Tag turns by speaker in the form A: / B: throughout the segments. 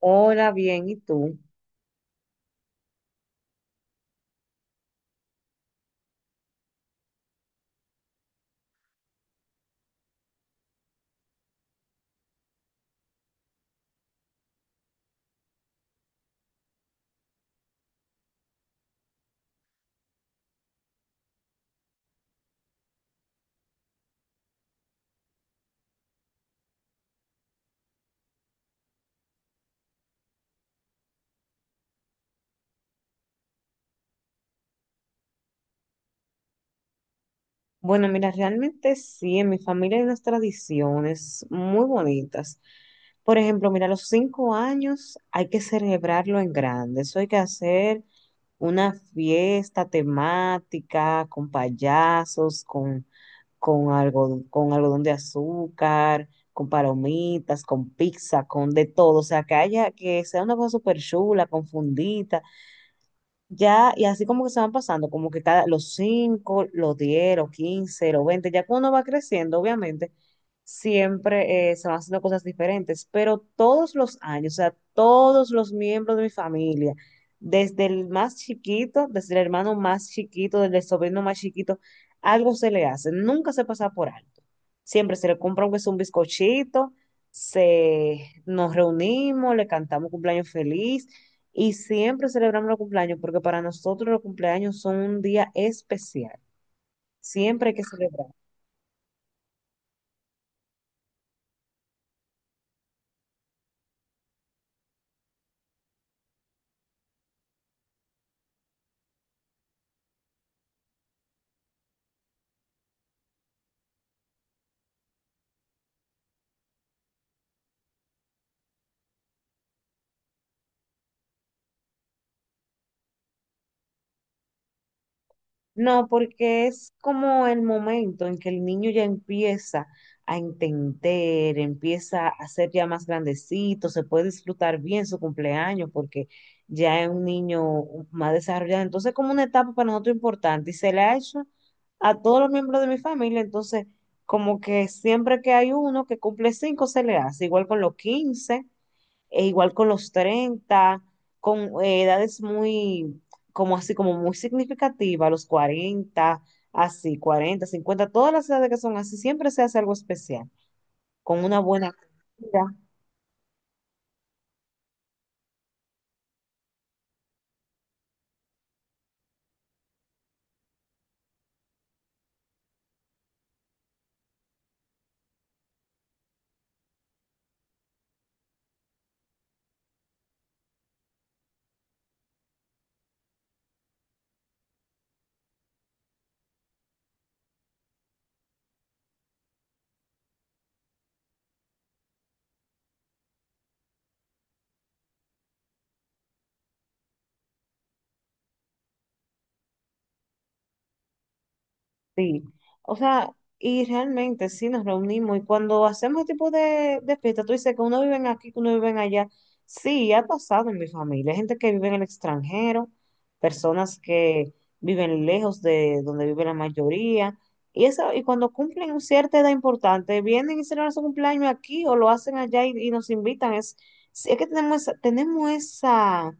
A: Hola, bien, ¿y tú? Bueno, mira, realmente sí, en mi familia hay unas tradiciones muy bonitas. Por ejemplo, mira, a los 5 años hay que celebrarlo en grande. Eso hay que hacer una fiesta temática con payasos, con algodón, con algodón de azúcar, con palomitas, con pizza, con de todo. O sea, que haya, que sea una cosa súper chula, confundida. Ya, y así como que se van pasando, los 5, los 10, los 15, los 20, ya cuando uno va creciendo, obviamente, siempre se van haciendo cosas diferentes, pero todos los años, o sea, todos los miembros de mi familia, desde el más chiquito, desde el hermano más chiquito, desde el sobrino más chiquito, algo se le hace, nunca se pasa por alto. Siempre se le compra aunque sea un bizcochito, se, nos reunimos, le cantamos cumpleaños feliz y siempre celebramos los cumpleaños porque para nosotros los cumpleaños son un día especial. Siempre hay que celebrar. No, porque es como el momento en que el niño ya empieza a entender, empieza a ser ya más grandecito, se puede disfrutar bien su cumpleaños porque ya es un niño más desarrollado. Entonces, como una etapa para nosotros importante, y se le ha hecho a todos los miembros de mi familia. Entonces, como que siempre que hay uno que cumple 5, se le hace. Igual con los 15 e igual con los 30, con edades muy, como así, como muy significativas, los 40, así, 40, 50, todas las edades que son así, siempre se hace algo especial, con una buena comida. Sí, o sea, y realmente sí nos reunimos, y cuando hacemos este tipo de fiesta, tú dices que uno vive aquí, que uno vive allá. Sí, ha pasado en mi familia. Hay gente que vive en el extranjero, personas que viven lejos de donde vive la mayoría. Y eso, y cuando cumplen una cierta edad importante, vienen y celebran su cumpleaños aquí o lo hacen allá y nos invitan. Sí, es que tenemos esa, tenemos esa,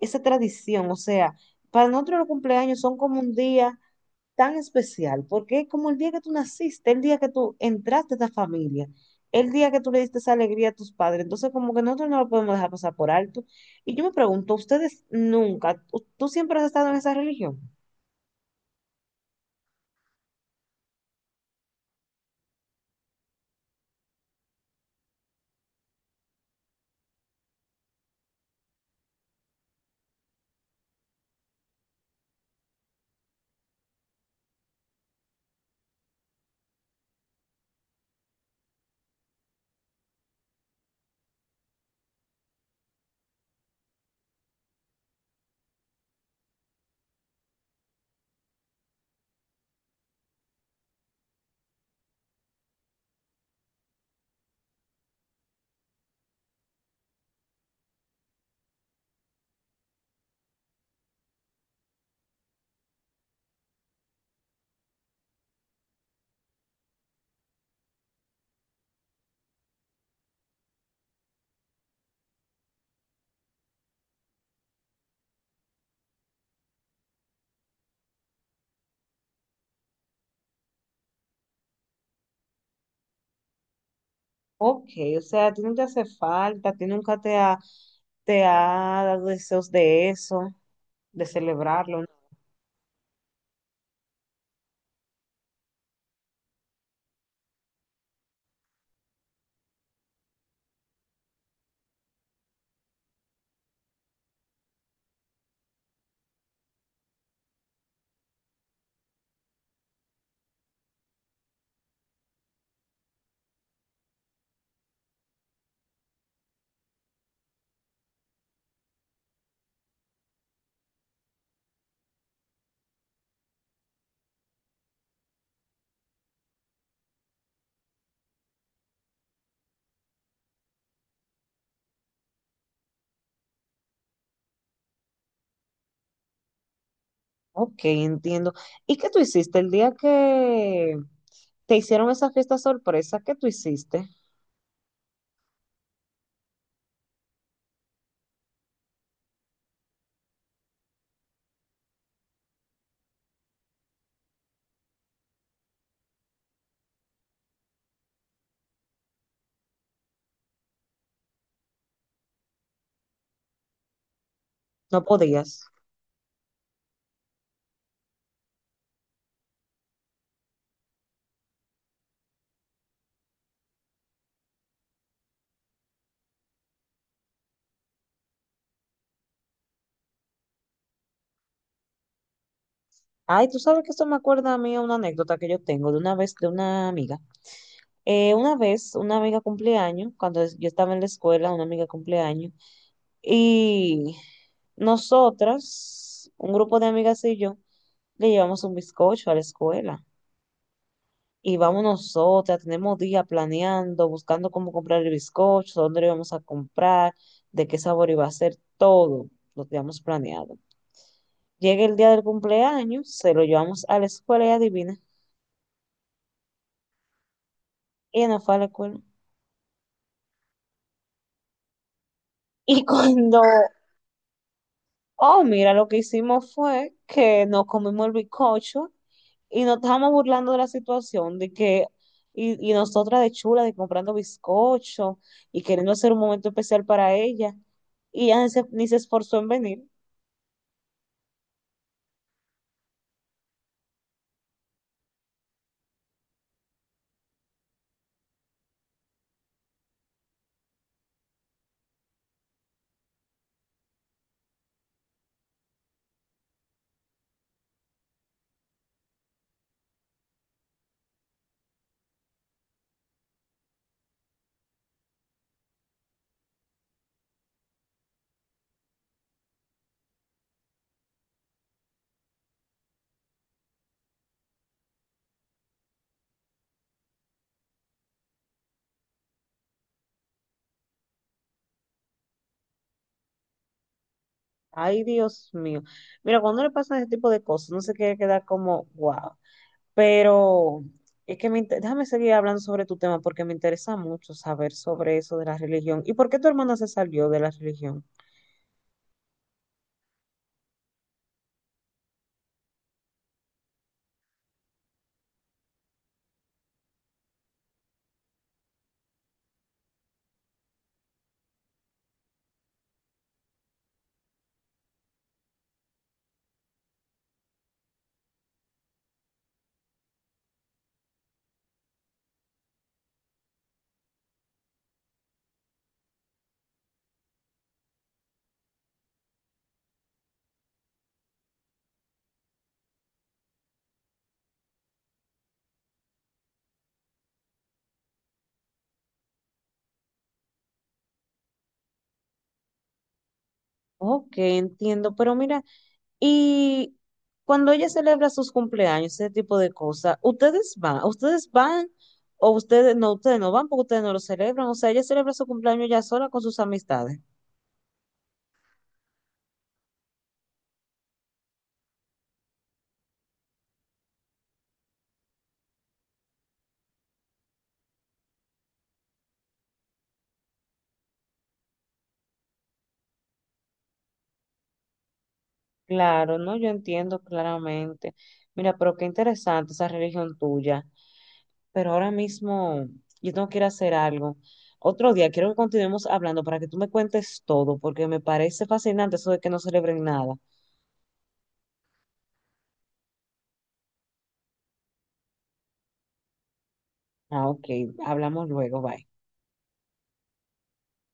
A: esa tradición. O sea, para nosotros los cumpleaños son como un día tan especial, porque es como el día que tú naciste, el día que tú entraste a esta familia, el día que tú le diste esa alegría a tus padres. Entonces, como que nosotros no lo podemos dejar pasar por alto. Y yo me pregunto, ¿ustedes nunca, tú siempre has estado en esa religión? Ok, o sea, a ti no te hace falta, a ti nunca te ha dado deseos de eso, de celebrarlo, ¿no? Ok, entiendo. ¿Y qué tú hiciste el día que te hicieron esa fiesta sorpresa? ¿Qué tú hiciste? No podías. Ay, tú sabes que esto me acuerda a mí a una anécdota que yo tengo de una vez de una amiga. Una vez, una amiga cumpleaños, yo estaba en la escuela, una amiga cumpleaños, y nosotras, un grupo de amigas y yo, le llevamos un bizcocho a la escuela. Y vamos nosotras, tenemos días planeando, buscando cómo comprar el bizcocho, dónde lo íbamos a comprar, de qué sabor iba a ser, todo lo teníamos planeado. Llega el día del cumpleaños, se lo llevamos a la escuela y adivina, ella no fue a la escuela. Y cuando, oh, mira, lo que hicimos fue que nos comimos el bizcocho y nos estábamos burlando de la situación, y nosotras de chula, de comprando bizcocho y queriendo hacer un momento especial para ella. Y ella ni se esforzó en venir. Ay, Dios mío. Mira, cuando le pasan ese tipo de cosas, no se quiere quedar como, wow. Pero es que déjame seguir hablando sobre tu tema porque me interesa mucho saber sobre eso de la religión. ¿Y por qué tu hermana se salió de la religión? Ok, entiendo, pero mira, y cuando ella celebra sus cumpleaños, ese tipo de cosas, ¿ustedes van? ¿Ustedes van o ustedes no van porque ustedes no lo celebran? O sea, ella celebra su cumpleaños ya sola con sus amistades. Claro, no, yo entiendo claramente. Mira, pero qué interesante esa religión tuya. Pero ahora mismo yo tengo que ir a hacer algo. Otro día quiero que continuemos hablando para que tú me cuentes todo, porque me parece fascinante eso de que no celebren nada. Ah, ok, hablamos luego, bye.